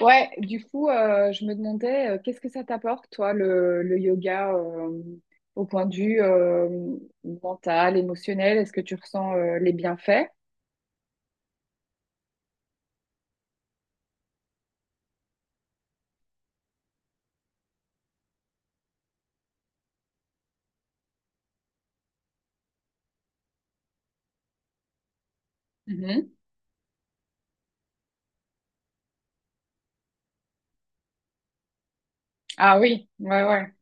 Ouais, du coup, je me demandais, qu'est-ce que ça t'apporte, toi, le yoga, au point de vue mental, émotionnel? Est-ce que tu ressens les bienfaits? Mhm. Ah oui, ouais, ouais.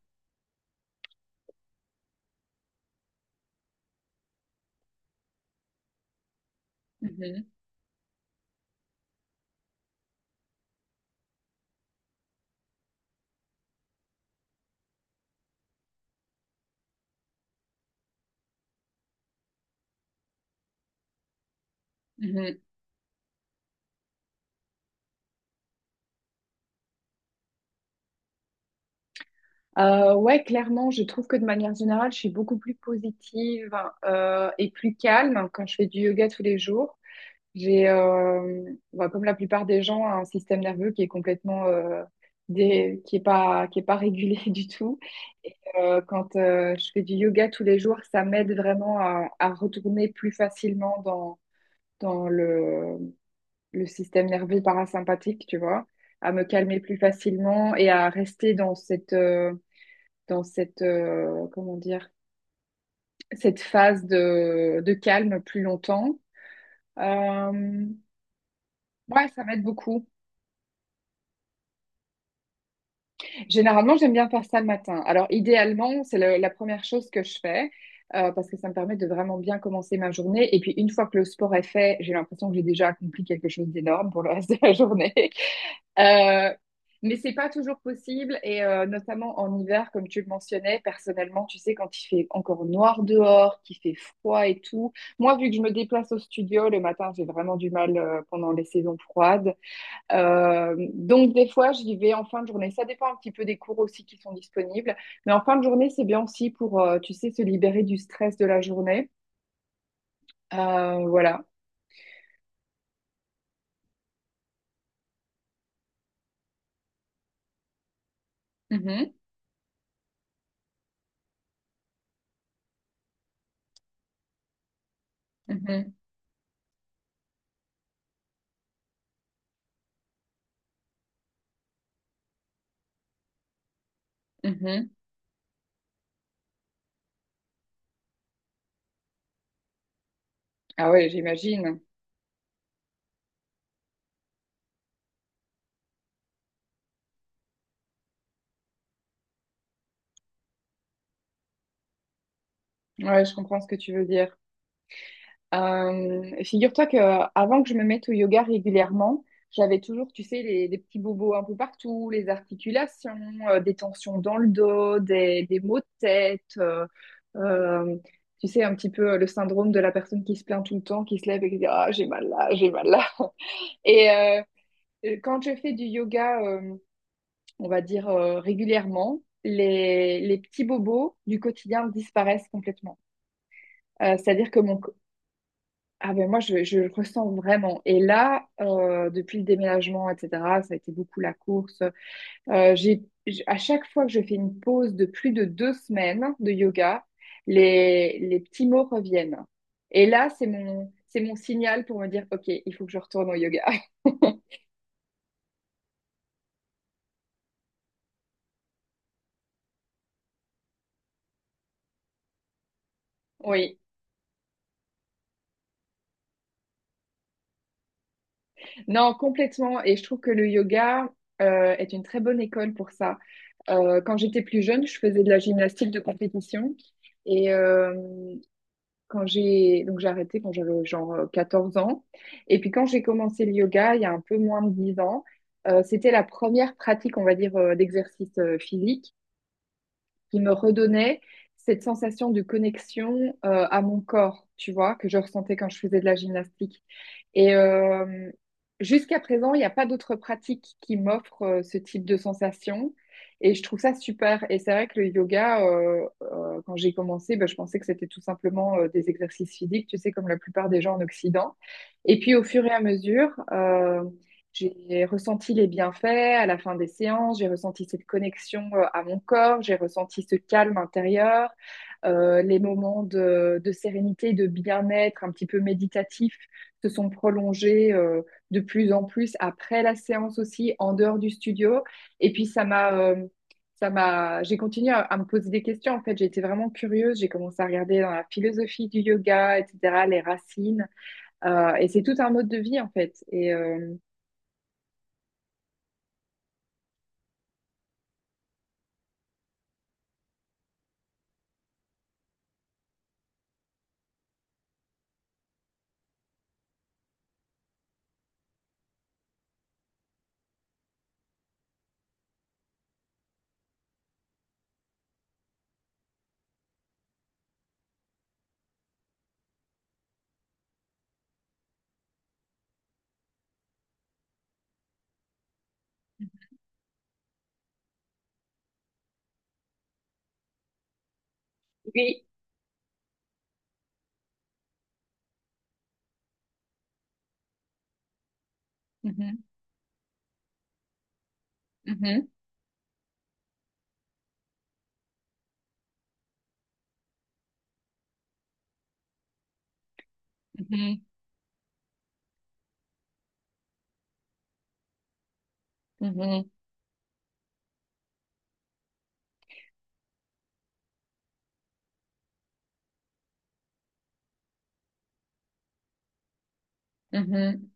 Mhm, mhm. Ouais, clairement, je trouve que de manière générale, je suis beaucoup plus positive et plus calme quand je fais du yoga tous les jours. J'ai, bah, comme la plupart des gens, un système nerveux qui est complètement, qui est pas régulé du tout. Et, quand je fais du yoga tous les jours, ça m'aide vraiment à retourner plus facilement dans le système nerveux parasympathique, tu vois, à me calmer plus facilement et à rester dans cette, comment dire, cette phase de calme plus longtemps. Euh, ouais, ça m'aide beaucoup. Généralement, j'aime bien faire ça le matin. Alors, idéalement, la première chose que je fais parce que ça me permet de vraiment bien commencer ma journée. Et puis, une fois que le sport est fait, j'ai l'impression que j'ai déjà accompli quelque chose d'énorme pour le reste de la journée. Euh, mais c'est pas toujours possible et notamment en hiver, comme tu le mentionnais, personnellement, tu sais, quand il fait encore noir dehors, qu'il fait froid et tout. Moi, vu que je me déplace au studio le matin, j'ai vraiment du mal pendant les saisons froides. Donc des fois, j'y vais en fin de journée. Ça dépend un petit peu des cours aussi qui sont disponibles. Mais en fin de journée, c'est bien aussi pour, tu sais, se libérer du stress de la journée. Voilà. Mhm, mhm, mhm. Ah ouais, j'imagine. Ouais, je comprends ce que tu veux dire. Figure-toi que avant que je me mette au yoga régulièrement, j'avais toujours, tu sais, des petits bobos un peu partout, les articulations, des tensions dans le dos, des maux de tête. Euh, tu sais, un petit peu le syndrome de la personne qui se plaint tout le temps, qui se lève et qui dit Ah, j'ai mal là, j'ai mal là. Et quand je fais du yoga, on va dire régulièrement, les petits bobos du quotidien disparaissent complètement. Euh, c'est-à-dire que mon, ah ben moi, je le ressens vraiment. Et là, depuis le déménagement, etc., ça a été beaucoup la course. À chaque fois que je fais une pause de plus de 2 semaines de yoga, les petits mots reviennent. Et là, c'est mon signal pour me dire, OK, il faut que je retourne au yoga. Oui, non, complètement. Et je trouve que le yoga est une très bonne école pour ça. Quand j'étais plus jeune, je faisais de la gymnastique de compétition. Et, quand j'ai donc j'ai arrêté quand j'avais genre 14 ans et puis quand j'ai commencé le yoga il y a un peu moins de 10 ans c'était la première pratique on va dire d'exercice physique qui me redonnait cette sensation de connexion à mon corps, tu vois, que je ressentais quand je faisais de la gymnastique. Et jusqu'à présent, il n'y a pas d'autres pratiques qui m'offrent ce type de sensation. Et je trouve ça super. Et c'est vrai que le yoga, quand j'ai commencé, ben, je pensais que c'était tout simplement des exercices physiques, tu sais, comme la plupart des gens en Occident. Et puis au fur et à mesure, j'ai ressenti les bienfaits à la fin des séances, j'ai ressenti cette connexion à mon corps, j'ai ressenti ce calme intérieur, les moments de sérénité, de bien-être un petit peu méditatif se sont prolongés de plus en plus après la séance aussi, en dehors du studio. Et puis ça m'a, j'ai continué à me poser des questions. En fait, j'ai été vraiment curieuse, j'ai commencé à regarder dans la philosophie du yoga, etc., les racines. Et c'est tout un mode de vie en fait. Et Oui, Mhm, mhm, mhm, mhm, mhm.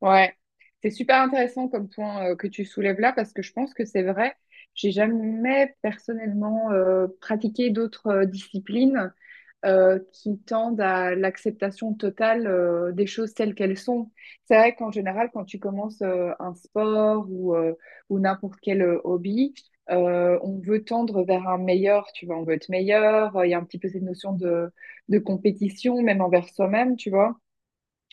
Ouais, c'est super intéressant comme point que tu soulèves là parce que je pense que c'est vrai. J'ai jamais personnellement pratiqué d'autres disciplines. Qui tendent à l'acceptation totale des choses telles qu'elles sont. C'est vrai qu'en général, quand tu commences un sport ou n'importe quel hobby, on veut tendre vers un meilleur, tu vois, on veut être meilleur, il y a un petit peu cette notion de compétition, même envers soi-même, tu vois.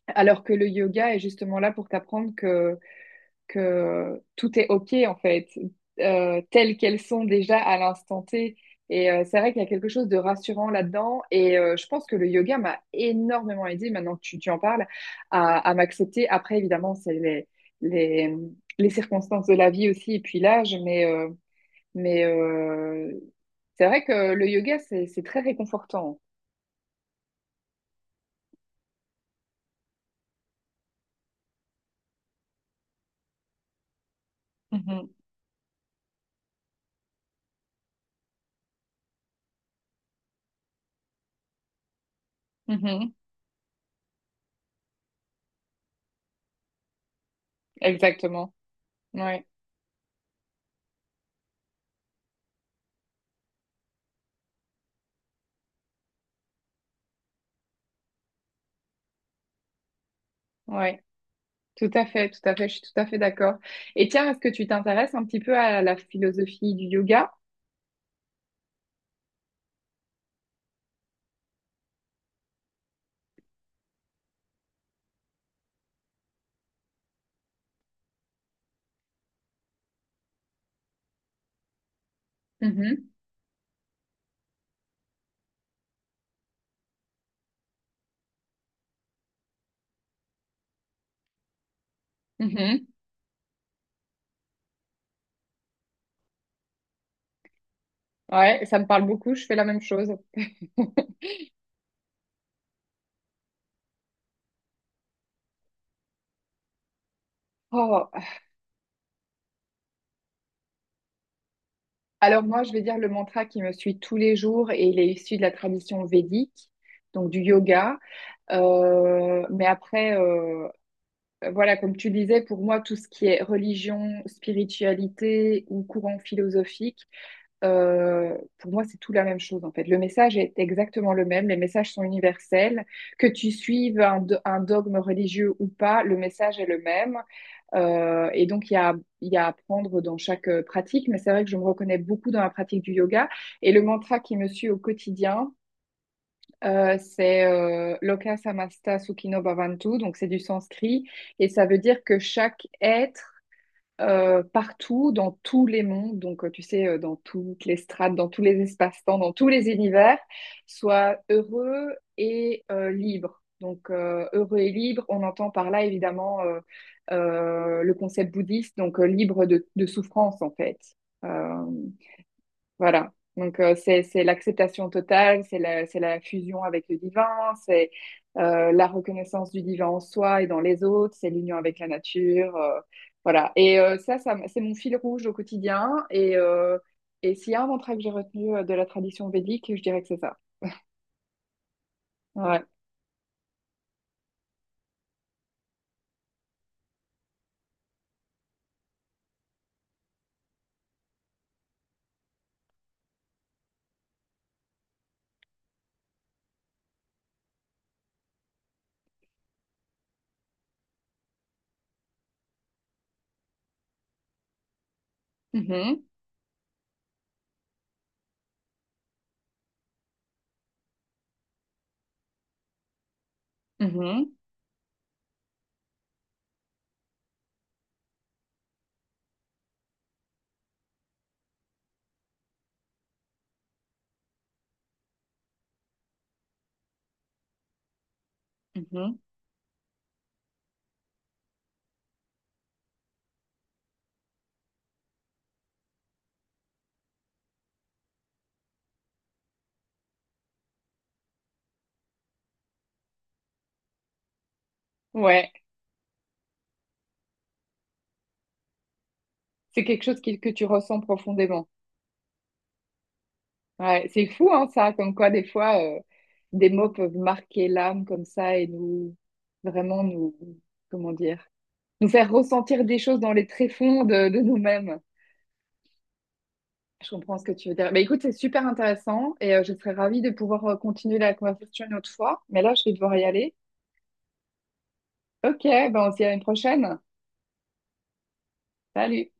Alors que le yoga est justement là pour t'apprendre que tout est OK, en fait, telles qu'elles sont déjà à l'instant T. Et c'est vrai qu'il y a quelque chose de rassurant là-dedans. Et je pense que le yoga m'a énormément aidé, maintenant que tu en parles, à m'accepter. Après, évidemment, c'est les, les circonstances de la vie aussi, et puis l'âge. Mais, mais euh, c'est vrai que le yoga, c'est très réconfortant. Mhm, mhm, exactement. Ouais, ouais. Tout à fait, je suis tout à fait d'accord. Et tiens, est-ce que tu t'intéresses un petit peu à la philosophie du yoga? Mhm, mhm. Ouais, ça me parle beaucoup, je fais la même chose. Oh, alors moi, je vais dire le mantra qui me suit tous les jours et il est issu de la tradition védique, donc du yoga. Mais après, voilà, comme tu disais, pour moi, tout ce qui est religion, spiritualité ou courant philosophique, pour moi, c'est tout la même chose en fait. Le message est exactement le même, les messages sont universels. Que tu suives un, un dogme religieux ou pas, le message est le même. Et donc, il y a à apprendre dans chaque pratique, mais c'est vrai que je me reconnais beaucoup dans la pratique du yoga. Et le mantra qui me suit au quotidien, c'est Loka Samasta Sukhino Bhavantu, donc c'est du sanskrit, et ça veut dire que chaque être partout, dans tous les mondes, donc tu sais, dans toutes les strates, dans tous les espaces-temps, dans tous les univers, soit heureux et libre. Donc heureux et libre, on entend par là évidemment le concept bouddhiste, donc libre de souffrance en fait. Euh, voilà. Donc, c'est l'acceptation totale, c'est la fusion avec le divin, c'est la reconnaissance du divin en soi et dans les autres, c'est l'union avec la nature. Voilà. Et c'est mon fil rouge au quotidien. Et s'il y a un mantra que j'ai retenu de la tradition védique, je dirais que c'est ça. Ouais. Mhm, mhm, mhm. Ouais. C'est quelque chose qui- que tu ressens profondément. Ouais, c'est fou, hein, ça, comme quoi des fois, des mots peuvent marquer l'âme comme ça et nous, comment dire, nous faire ressentir des choses dans les tréfonds de nous-mêmes. Je comprends ce que tu veux dire. Bah, écoute, c'est super intéressant et je serais ravie de pouvoir continuer la conversation une autre fois. Mais là, je vais devoir y aller. Ok, ben on se dit à une prochaine. Salut!